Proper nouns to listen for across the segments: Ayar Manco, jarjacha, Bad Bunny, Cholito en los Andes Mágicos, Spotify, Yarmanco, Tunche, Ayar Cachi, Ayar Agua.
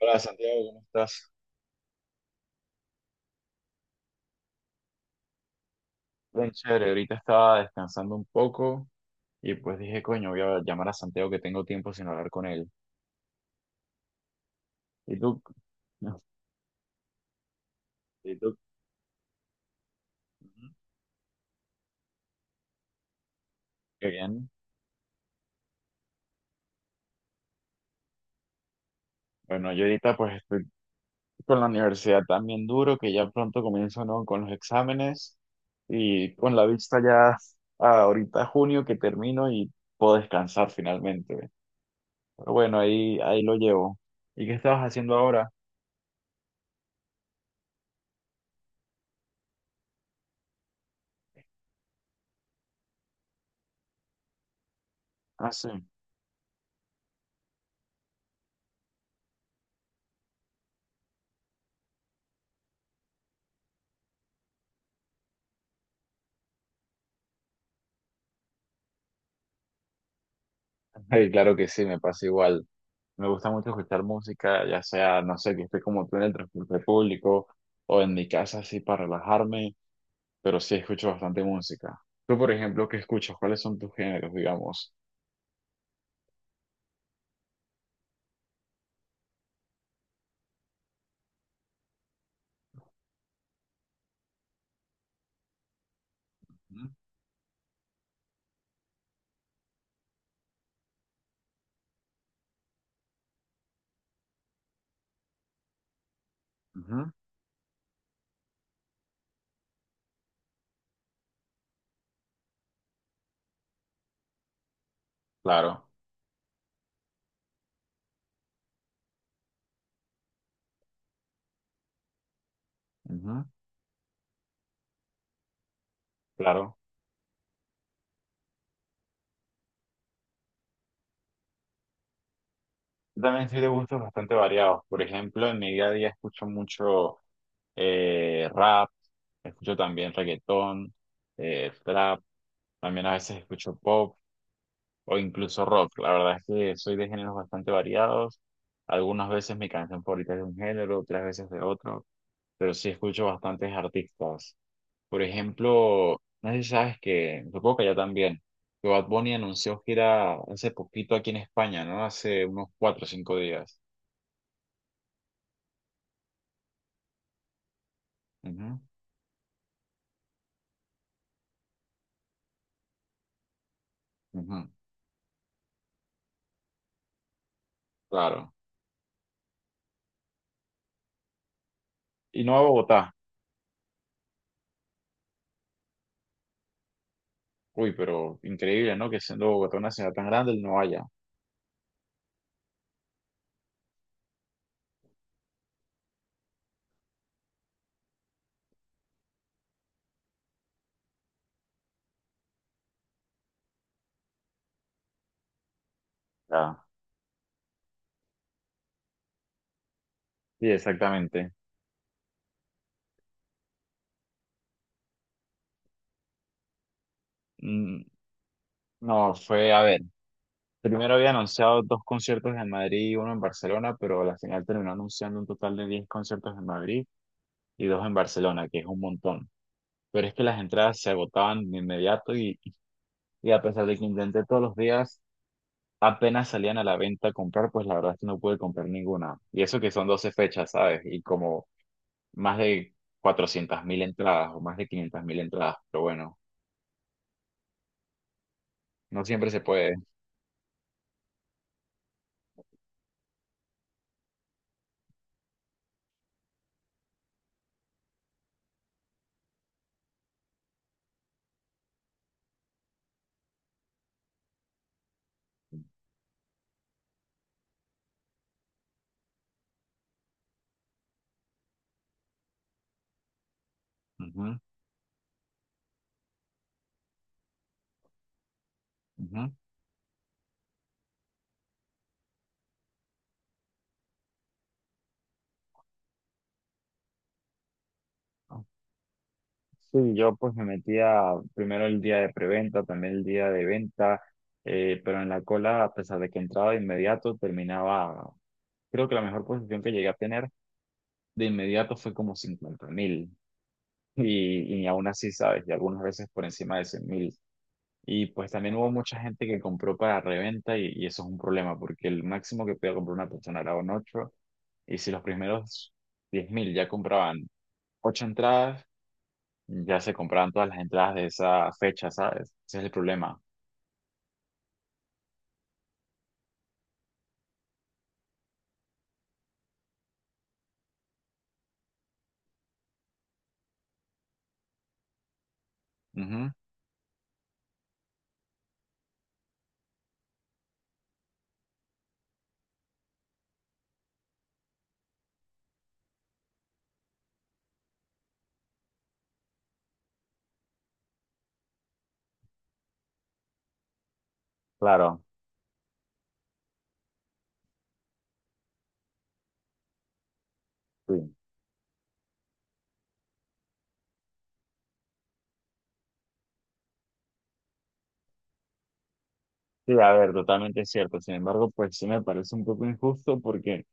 Hola Santiago, ¿cómo estás? Bien, chévere. Ahorita estaba descansando un poco y pues dije, coño, voy a llamar a Santiago que tengo tiempo sin hablar con él. ¿Y tú? No, ¿Y tú? Ujú. Qué bien. Bueno, yo ahorita pues estoy con la universidad también duro, que ya pronto comienzo, ¿no? Con los exámenes y con la vista ya a ahorita junio que termino y puedo descansar finalmente. Pero bueno, ahí lo llevo. ¿Y qué estabas haciendo ahora? Ah, sí. Ay, claro que sí, me pasa igual. Me gusta mucho escuchar música, ya sea, no sé, que esté como tú en el transporte público o en mi casa así para relajarme, pero sí escucho bastante música. Tú, por ejemplo, ¿qué escuchas? ¿Cuáles son tus géneros, digamos? Ujú, ujú, claro, ujú, claro. Yo también soy de gustos bastante variados. Por ejemplo, en mi día a día escucho mucho rap, escucho también reggaetón, trap, también a veces escucho pop o incluso rock. La verdad es que soy de géneros bastante variados. Algunas veces mi canción favorita es de un género, otras veces de otro, pero sí escucho bastantes artistas. Por ejemplo, no sé si sabes que, supongo que ya también, que Bad Bunny anunció gira hace poquito aquí en España, ¿no? Hace unos 4 o 5 días. Ujú, ujú, claro. Y no a Bogotá. Uy, pero increíble, ¿no? Que siendo Bogotá una ciudad tan grande, él no vaya. Ah, sí, exactamente. Mm, no, fue, a ver. Primero había anunciado dos conciertos en Madrid y uno en Barcelona, pero a la final terminó anunciando un total de 10 conciertos en Madrid y dos en Barcelona, que es un montón. Pero es que las entradas se agotaban de inmediato y a pesar de que intenté todos los días, apenas salían a la venta a comprar, pues la verdad es que no pude comprar ninguna. Y eso que son 12 fechas, ¿sabes? Y como más de 400.000 entradas o más de 500.000 entradas, pero bueno, no siempre se puede. Ujú, ujú. Sí, yo pues me metía primero el día de preventa, también el día de venta, pero en la cola, a pesar de que entraba de inmediato, terminaba, creo que la mejor posición que llegué a tener de inmediato fue como 50.000, y aún así, sabes, y algunas veces por encima de 100.000. Y pues también hubo mucha gente que compró para reventa y eso es un problema, porque el máximo que podía comprar una persona era un 8 y si los primeros 10.000 ya compraban ocho entradas, ya se compraron todas las entradas de esa fecha, ¿sabes? Ese es el problema. Ujú, claro, sí. Sí, a ver, totalmente es cierto. Sin embargo, pues sí me parece un poco injusto porque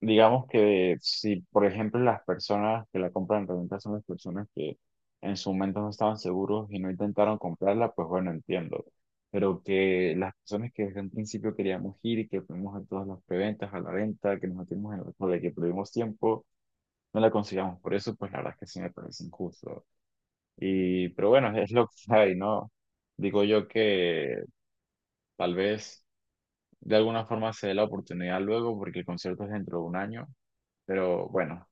digamos que si, por ejemplo, las personas que la compran en reventa son las personas que en su momento no estaban seguros y no intentaron comprarla, pues bueno, entiendo. Pero que las personas que desde un principio queríamos ir y que fuimos a todas las preventas, a la venta, que nos metimos en la cola, que perdimos tiempo, no la consigamos. Por eso, pues la verdad es que sí me parece injusto. Y, pero bueno, es lo que hay, ¿no? Digo yo que tal vez de alguna forma se dé la oportunidad luego porque el concierto es dentro de un año, pero bueno,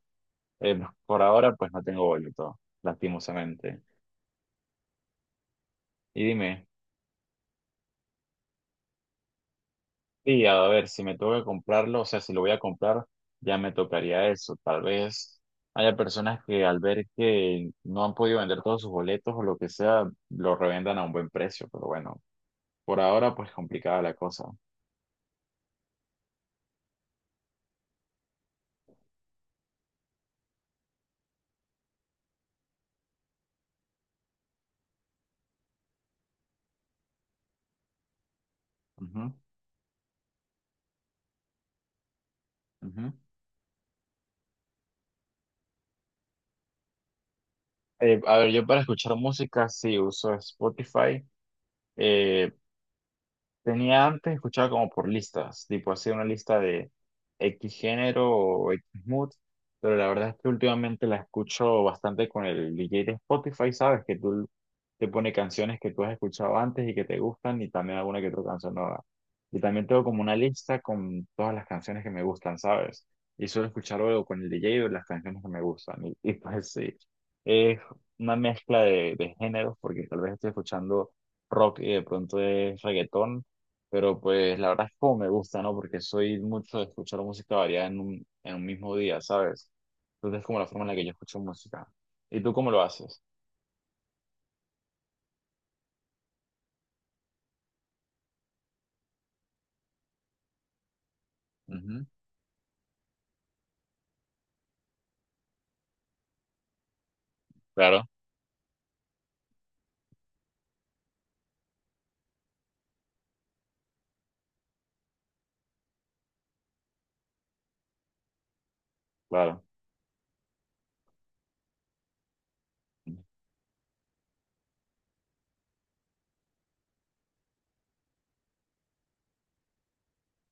eh, por ahora pues no tengo boleto, lastimosamente. Y dime, sí, a ver, si me tengo que comprarlo, o sea, si lo voy a comprar, ya me tocaría eso. Tal vez haya personas que al ver que no han podido vender todos sus boletos o lo que sea, lo revendan a un buen precio, pero bueno, por ahora pues complicada la cosa. Ujú, ujú. A ver, yo para escuchar música sí uso Spotify, eh, tenía antes, escuchaba como por listas, tipo hacía una lista de X género o X mood, pero la verdad es que últimamente la escucho bastante con el DJ de Spotify, ¿sabes? Que tú te pone canciones que tú has escuchado antes y que te gustan y también alguna que otra canción nueva. Y también tengo como una lista con todas las canciones que me gustan, ¿sabes? Y suelo escuchar luego con el DJ o las canciones que me gustan. Y pues sí, es una mezcla de géneros porque tal vez estoy escuchando rock y de pronto es reggaetón, pero pues la verdad es como me gusta, ¿no? Porque soy mucho de escuchar música variada en un mismo día, ¿sabes? Entonces es como la forma en la que yo escucho música. ¿Y tú cómo lo haces? Ujú, claro, claro.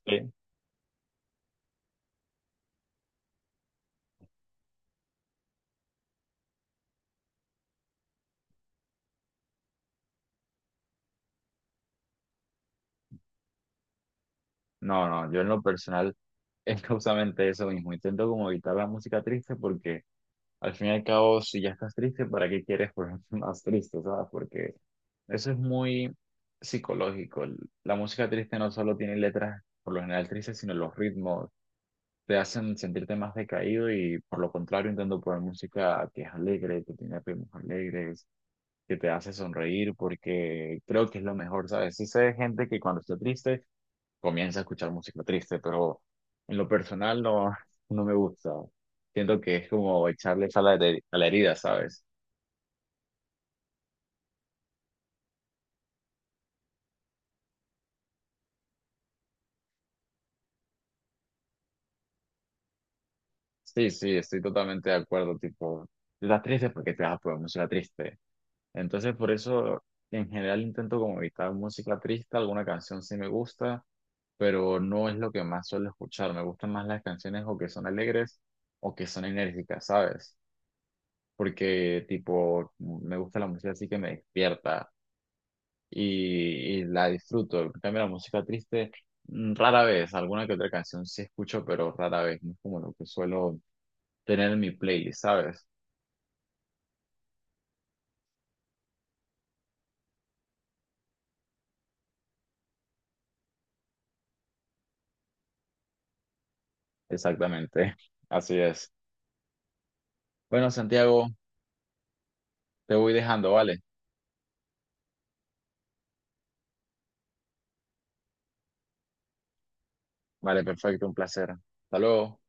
Sí. No, no, yo en lo personal es justamente eso mismo. Intento como evitar la música triste porque al fin y al cabo, si ya estás triste, ¿para qué quieres ponerte más triste, ¿sabes? Porque eso es muy psicológico. La música triste no solo tiene letras por lo general tristes, sino los ritmos te hacen sentirte más decaído y por lo contrario intento poner música que es alegre, que tiene ritmos alegres, que te hace sonreír porque creo que es lo mejor, ¿sabes? Sí sé de gente que cuando está triste comienza a escuchar música triste, pero en lo personal no, no me gusta. Siento que es como echarle sal a la a la herida, ¿sabes? Sí, sí, estoy totalmente de acuerdo, tipo, si estás triste porque te vas a poner música triste. Entonces por eso en general intento como evitar música triste, alguna canción sí me gusta pero no es lo que más suelo escuchar. Me gustan más las canciones o que son alegres o que son enérgicas, ¿sabes? Porque, tipo, me gusta la música así que me despierta y la disfruto. En cambio, la música triste, mm, rara vez, alguna que otra canción sí escucho, pero rara vez. No es como lo que suelo tener en mi playlist, ¿sabes? Exactamente, así es. Bueno, Santiago, te voy dejando, ¿vale? Vale, perfecto, un placer. Hasta luego.